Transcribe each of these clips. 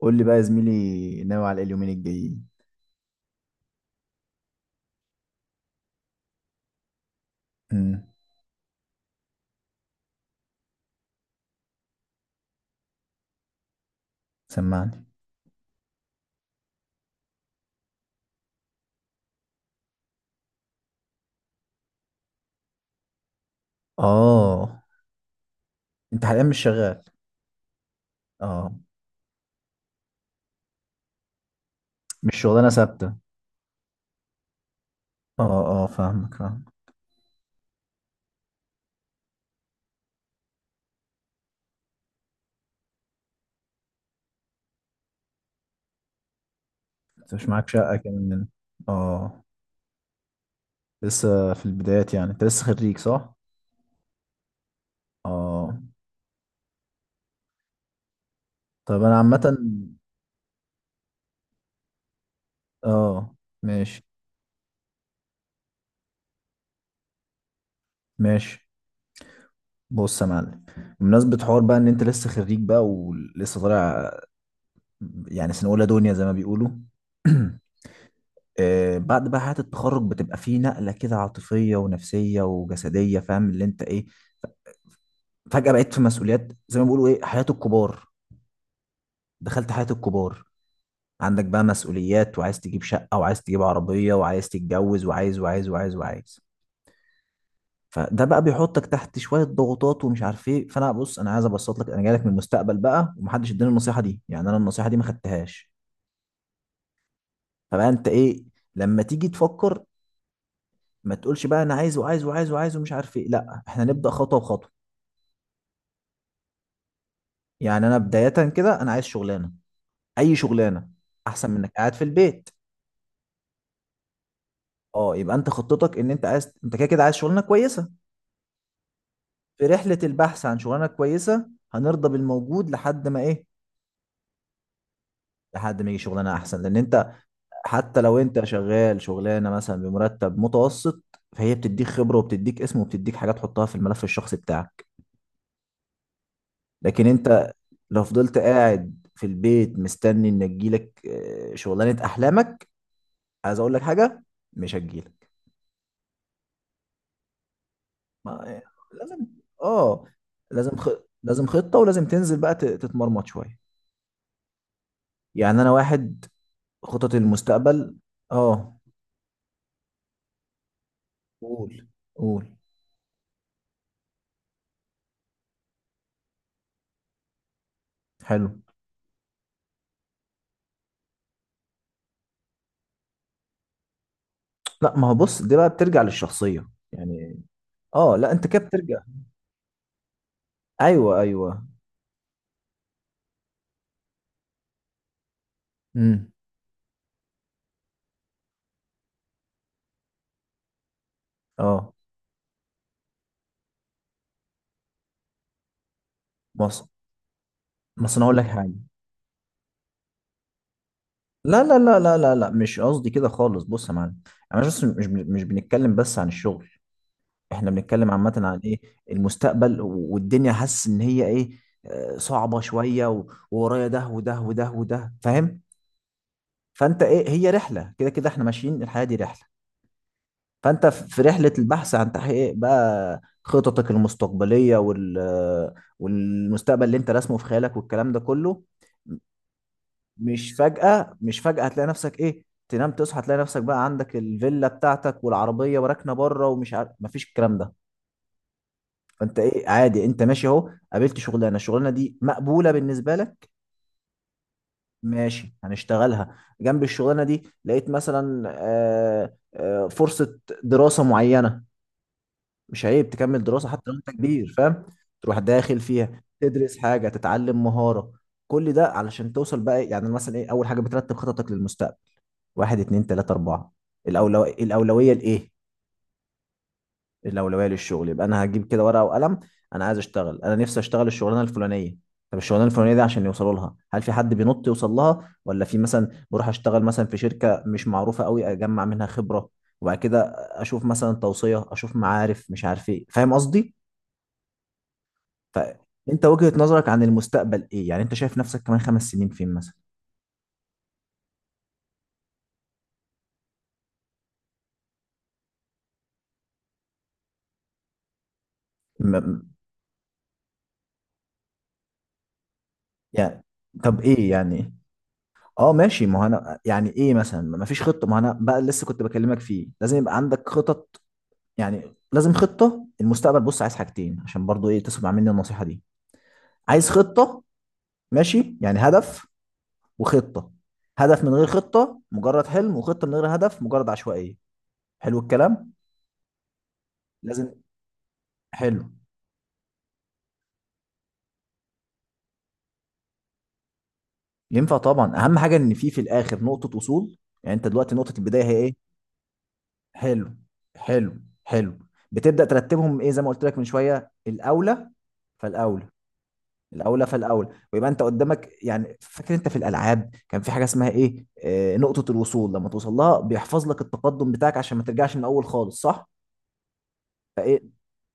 قول لي بقى يا زميلي، ناوي على ايه اليومين الجايين؟ امم. سمعني. اه. انت حاليا مش شغال؟ اه. مش شغلانه ثابته. اه اه، فاهمك فاهمك. انت مش معاك شقه كمان؟ اه. لسه في البدايات، يعني انت لسه خريج صح؟ اه. طب انا عامه. اه. ماشي. ماشي. بص يا معلم، بمناسبه حوار بقى ان انت لسه خريج بقى ولسه طالع، يعني سنه اولى دنيا زي ما بيقولوا. بعد بقى حياة التخرج بتبقى فيه نقلة كده عاطفية ونفسية وجسدية، فاهم اللي انت ايه، فجأة بقيت في مسؤوليات زي ما بيقولوا ايه، حياة الكبار. دخلت حياة الكبار. عندك بقى مسؤوليات وعايز تجيب شقة وعايز تجيب عربية وعايز تتجوز وعايز وعايز وعايز وعايز. فده بقى بيحطك تحت شوية ضغوطات ومش عارف ايه. فانا بص، انا عايز ابسط لك، انا جاي لك من المستقبل بقى، ومحدش اداني النصيحة دي، يعني انا النصيحة دي ما خدتهاش. فبقى انت ايه، لما تيجي تفكر، ما تقولش بقى انا عايز وعايز وعايز وعايز ومش عارف ايه، لا احنا نبدأ خطوة بخطوة. يعني انا بداية كده، انا عايز شغلانة، اي شغلانة، احسن من انك قاعد في البيت. اه، يبقى انت خطتك ان انت عايز، انت كده كده عايز شغلانة كويسة. في رحلة البحث عن شغلانة كويسة هنرضى بالموجود لحد ما ايه، لحد ما يجي شغلانة احسن، لان انت حتى لو انت شغال شغلانة مثلا بمرتب متوسط، فهي بتديك خبرة وبتديك اسم وبتديك حاجات تحطها في الملف الشخصي بتاعك. لكن انت لو فضلت قاعد في البيت مستني ان تجيلك شغلانة احلامك، عايز اقول لك حاجة، مش هتجيلك. ما إيه. لازم، اه لازم، لازم خطة ولازم تنزل بقى تتمرمط شوية. يعني انا واحد، خطط المستقبل. اه. قول قول. حلو. لا، ما هو بص، دي بقى بترجع للشخصية يعني. اه لا، انت كده بترجع. ايوه ايوه. امم. اه، بص، بس انا هقول لك حاجة. لا لا لا لا لا لا، مش قصدي كده خالص، بص يا معلم. انا مش بنتكلم بس عن الشغل، احنا بنتكلم عامة عن ايه، المستقبل والدنيا، حاسس ان هي ايه، صعبة شوية، وورايا ده وده وده وده، فاهم. فانت ايه، هي رحلة كده كده، احنا ماشيين الحياة دي رحلة. فانت في رحلة البحث عن تحقيق إيه؟ بقى خططك المستقبلية، وال والمستقبل اللي انت راسمه في خيالك والكلام ده كله. مش فجأة مش فجأة هتلاقي نفسك ايه، تنام تصحى تلاقي نفسك بقى عندك الفيلا بتاعتك والعربية وراكنة بره ومش عارف، مفيش الكلام ده. فانت ايه، عادي، انت ماشي اهو، قابلت شغلانه، الشغلانه دي مقبوله بالنسبه لك، ماشي، هنشتغلها. جنب الشغلانه دي لقيت مثلا فرصه دراسه معينه، مش عيب تكمل دراسه حتى لو انت كبير، فاهم، تروح داخل فيها تدرس حاجه، تتعلم مهاره، كل ده علشان توصل بقى إيه؟ يعني مثلا ايه، اول حاجه بترتب خططك للمستقبل، واحد اتنين تلاته اربعه، الاولويه لايه. الاولويه للشغل، يبقى انا هجيب كده ورقه وقلم، انا عايز اشتغل، انا نفسي اشتغل الشغلانه الفلانيه. طب الشغلانه الفلانيه دي عشان يوصلوا لها، هل في حد بينط يوصل لها، ولا في مثلا بروح اشتغل مثلا في شركه مش معروفه قوي اجمع منها خبره، وبعد كده اشوف مثلا توصيه، اشوف معارف، مش عارف ايه، فاهم قصدي. فانت وجهه نظرك عن المستقبل ايه، يعني انت شايف نفسك كمان 5 سنين فين مثلا؟ م- م- يعني، طب ايه يعني. اه ماشي، ما هو انا يعني ايه مثلا، ما فيش خطه، ما هو انا بقى لسه كنت بكلمك فيه، لازم يبقى عندك خطط، يعني لازم خطة المستقبل. بص، عايز حاجتين عشان برضو ايه تسمع مني النصيحة دي، عايز خطة، ماشي، يعني هدف وخطة. هدف من غير خطة مجرد حلم، وخطة من غير هدف مجرد عشوائية. حلو الكلام. لازم. حلو. ينفع طبعا، اهم حاجة ان في الاخر نقطة وصول. يعني انت دلوقتي نقطة البداية هي ايه؟ حلو حلو حلو. بتبدأ ترتبهم ايه زي ما قلت لك من شوية، الاولى فالاولى، الاولى فالاولى، ويبقى انت قدامك، يعني فاكر انت في الالعاب كان في حاجه اسمها ايه، نقطه الوصول، لما توصل لها بيحفظ لك التقدم بتاعك عشان ما ترجعش من الاول خالص، صح. فايه،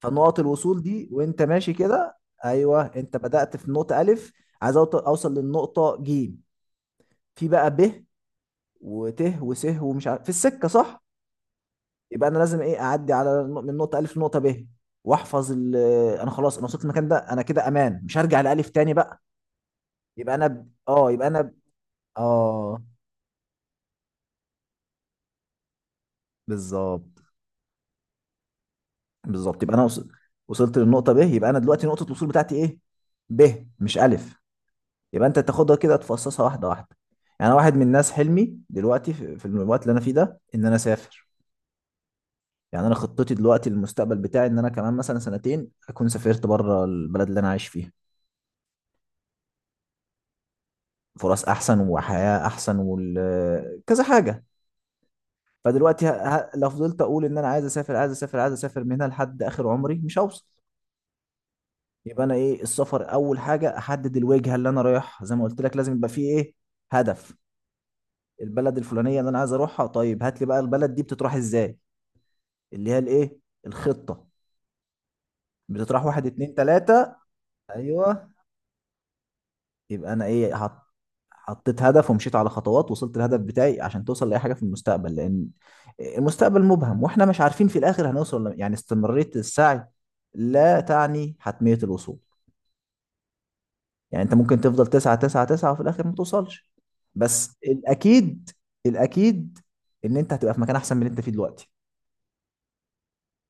فنقط الوصول دي وانت ماشي كده، ايوه انت بدات في نقطه الف، عايز اوصل للنقطه جيم، في بقى ب وت وس ومش عارف في السكه، صح. يبقى انا لازم ايه، اعدي على من نقطه الف لنقطه ب، واحفظ انا خلاص، انا وصلت المكان ده، انا كده امان، مش هرجع لالف تاني بقى. يبقى انا ب... اه يبقى انا ب... اه بالظبط. بالظبط، يبقى وصلت للنقطه ب، يبقى انا دلوقتي نقطه الوصول بتاعتي ايه، ب مش الف. يبقى انت تاخدها كده تفصصها واحده واحده. يعني أنا واحد من الناس، حلمي دلوقتي في الوقت اللي انا فيه ده ان انا اسافر. يعني انا خطتي دلوقتي، المستقبل بتاعي ان انا كمان مثلا سنتين اكون سافرت بره البلد اللي انا عايش فيها، فرص احسن وحياه احسن كذا حاجه. فدلوقتي ه... لو فضلت اقول ان انا عايز اسافر عايز اسافر عايز اسافر من هنا لحد اخر عمري مش هوصل. يبقى انا ايه، السفر اول حاجه احدد الوجهه اللي انا رايح، زي ما قلت لك لازم يبقى فيه ايه، هدف. البلد الفلانيه اللي انا عايز اروحها. طيب هات لي بقى البلد دي بتتراح ازاي، اللي هي الايه، الخطه. بتتراح واحد اتنين تلاته. ايوه. يبقى انا ايه، حطيت هدف ومشيت على خطوات، وصلت الهدف بتاعي. عشان توصل لاي حاجه في المستقبل، لان المستقبل مبهم واحنا مش عارفين في الاخر هنوصل، يعني استمراريه السعي لا تعني حتميه الوصول. يعني انت ممكن تفضل تسعة تسعة تسعة وفي الاخر ما توصلش، بس الاكيد، الاكيد ان انت هتبقى في مكان احسن من اللي انت فيه دلوقتي،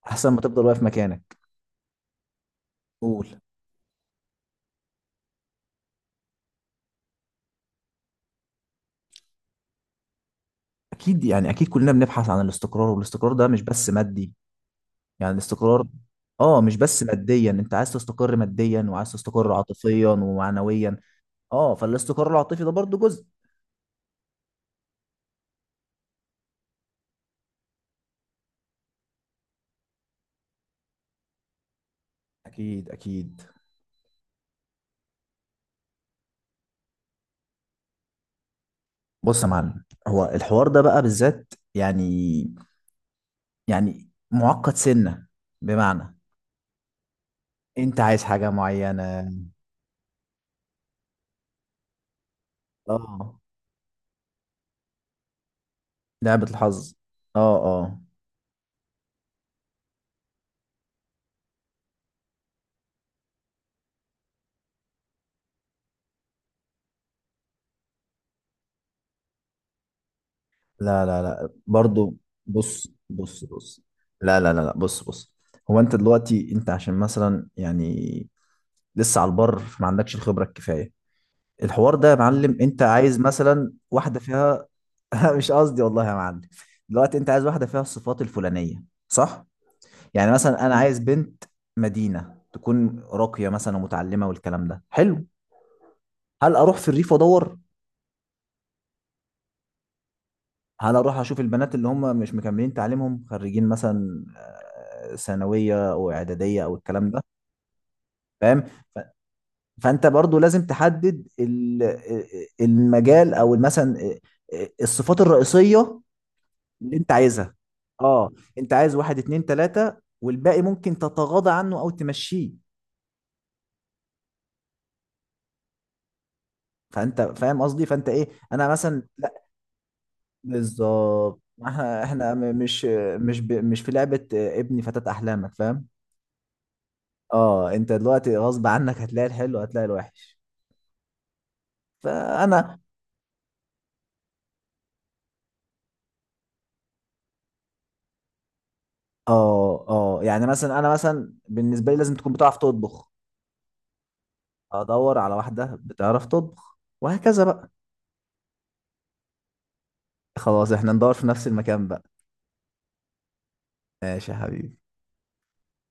احسن ما تفضل واقف مكانك. قول. اكيد، يعني اكيد كلنا بنبحث عن الاستقرار، والاستقرار ده مش بس مادي، يعني الاستقرار. اه، مش بس ماديا، انت عايز تستقر ماديا وعايز تستقر عاطفيا ومعنويا. اه، فالاستقرار العاطفي ده برضو جزء. اكيد اكيد. بص يا معلم، هو الحوار ده بقى بالذات يعني، يعني معقد سنة، بمعنى، انت عايز حاجة معينة، اه لعبة الحظ، اه اه. لا لا لا برضو، بص بص بص، لا لا لا لا، بص بص. هو انت دلوقتي انت عشان مثلا يعني لسه على البر فما عندكش الخبرة الكفاية، الحوار ده يا معلم، انت عايز مثلا واحدة فيها مش قصدي والله يا معلم. دلوقتي انت عايز واحدة فيها الصفات الفلانية صح؟ يعني مثلا انا عايز بنت مدينة، تكون راقية مثلا ومتعلمة والكلام ده، حلو. هل اروح في الريف وادور، هل اروح اشوف البنات اللي هم مش مكملين تعليمهم، خريجين مثلا ثانويه او اعداديه او الكلام ده، فاهم. ف- فانت برضو لازم تحدد المجال، او مثلا الصفات الرئيسيه اللي انت عايزها، اه. انت عايز واحد اتنين تلاته والباقي ممكن تتغاضى عنه او تمشيه. فانت فاهم قصدي، فانت ايه، انا مثلا لا، بالظبط، ما احنا، مش في لعبه ابني فتاة احلامك، فاهم. اه انت دلوقتي غصب عنك هتلاقي الحلو هتلاقي الوحش. فانا اه اه، يعني مثلا، انا مثلا بالنسبه لي لازم تكون بتعرف تطبخ، ادور على واحده بتعرف تطبخ وهكذا بقى. خلاص احنا ندور في نفس المكان بقى. ماشي يا حبيبي.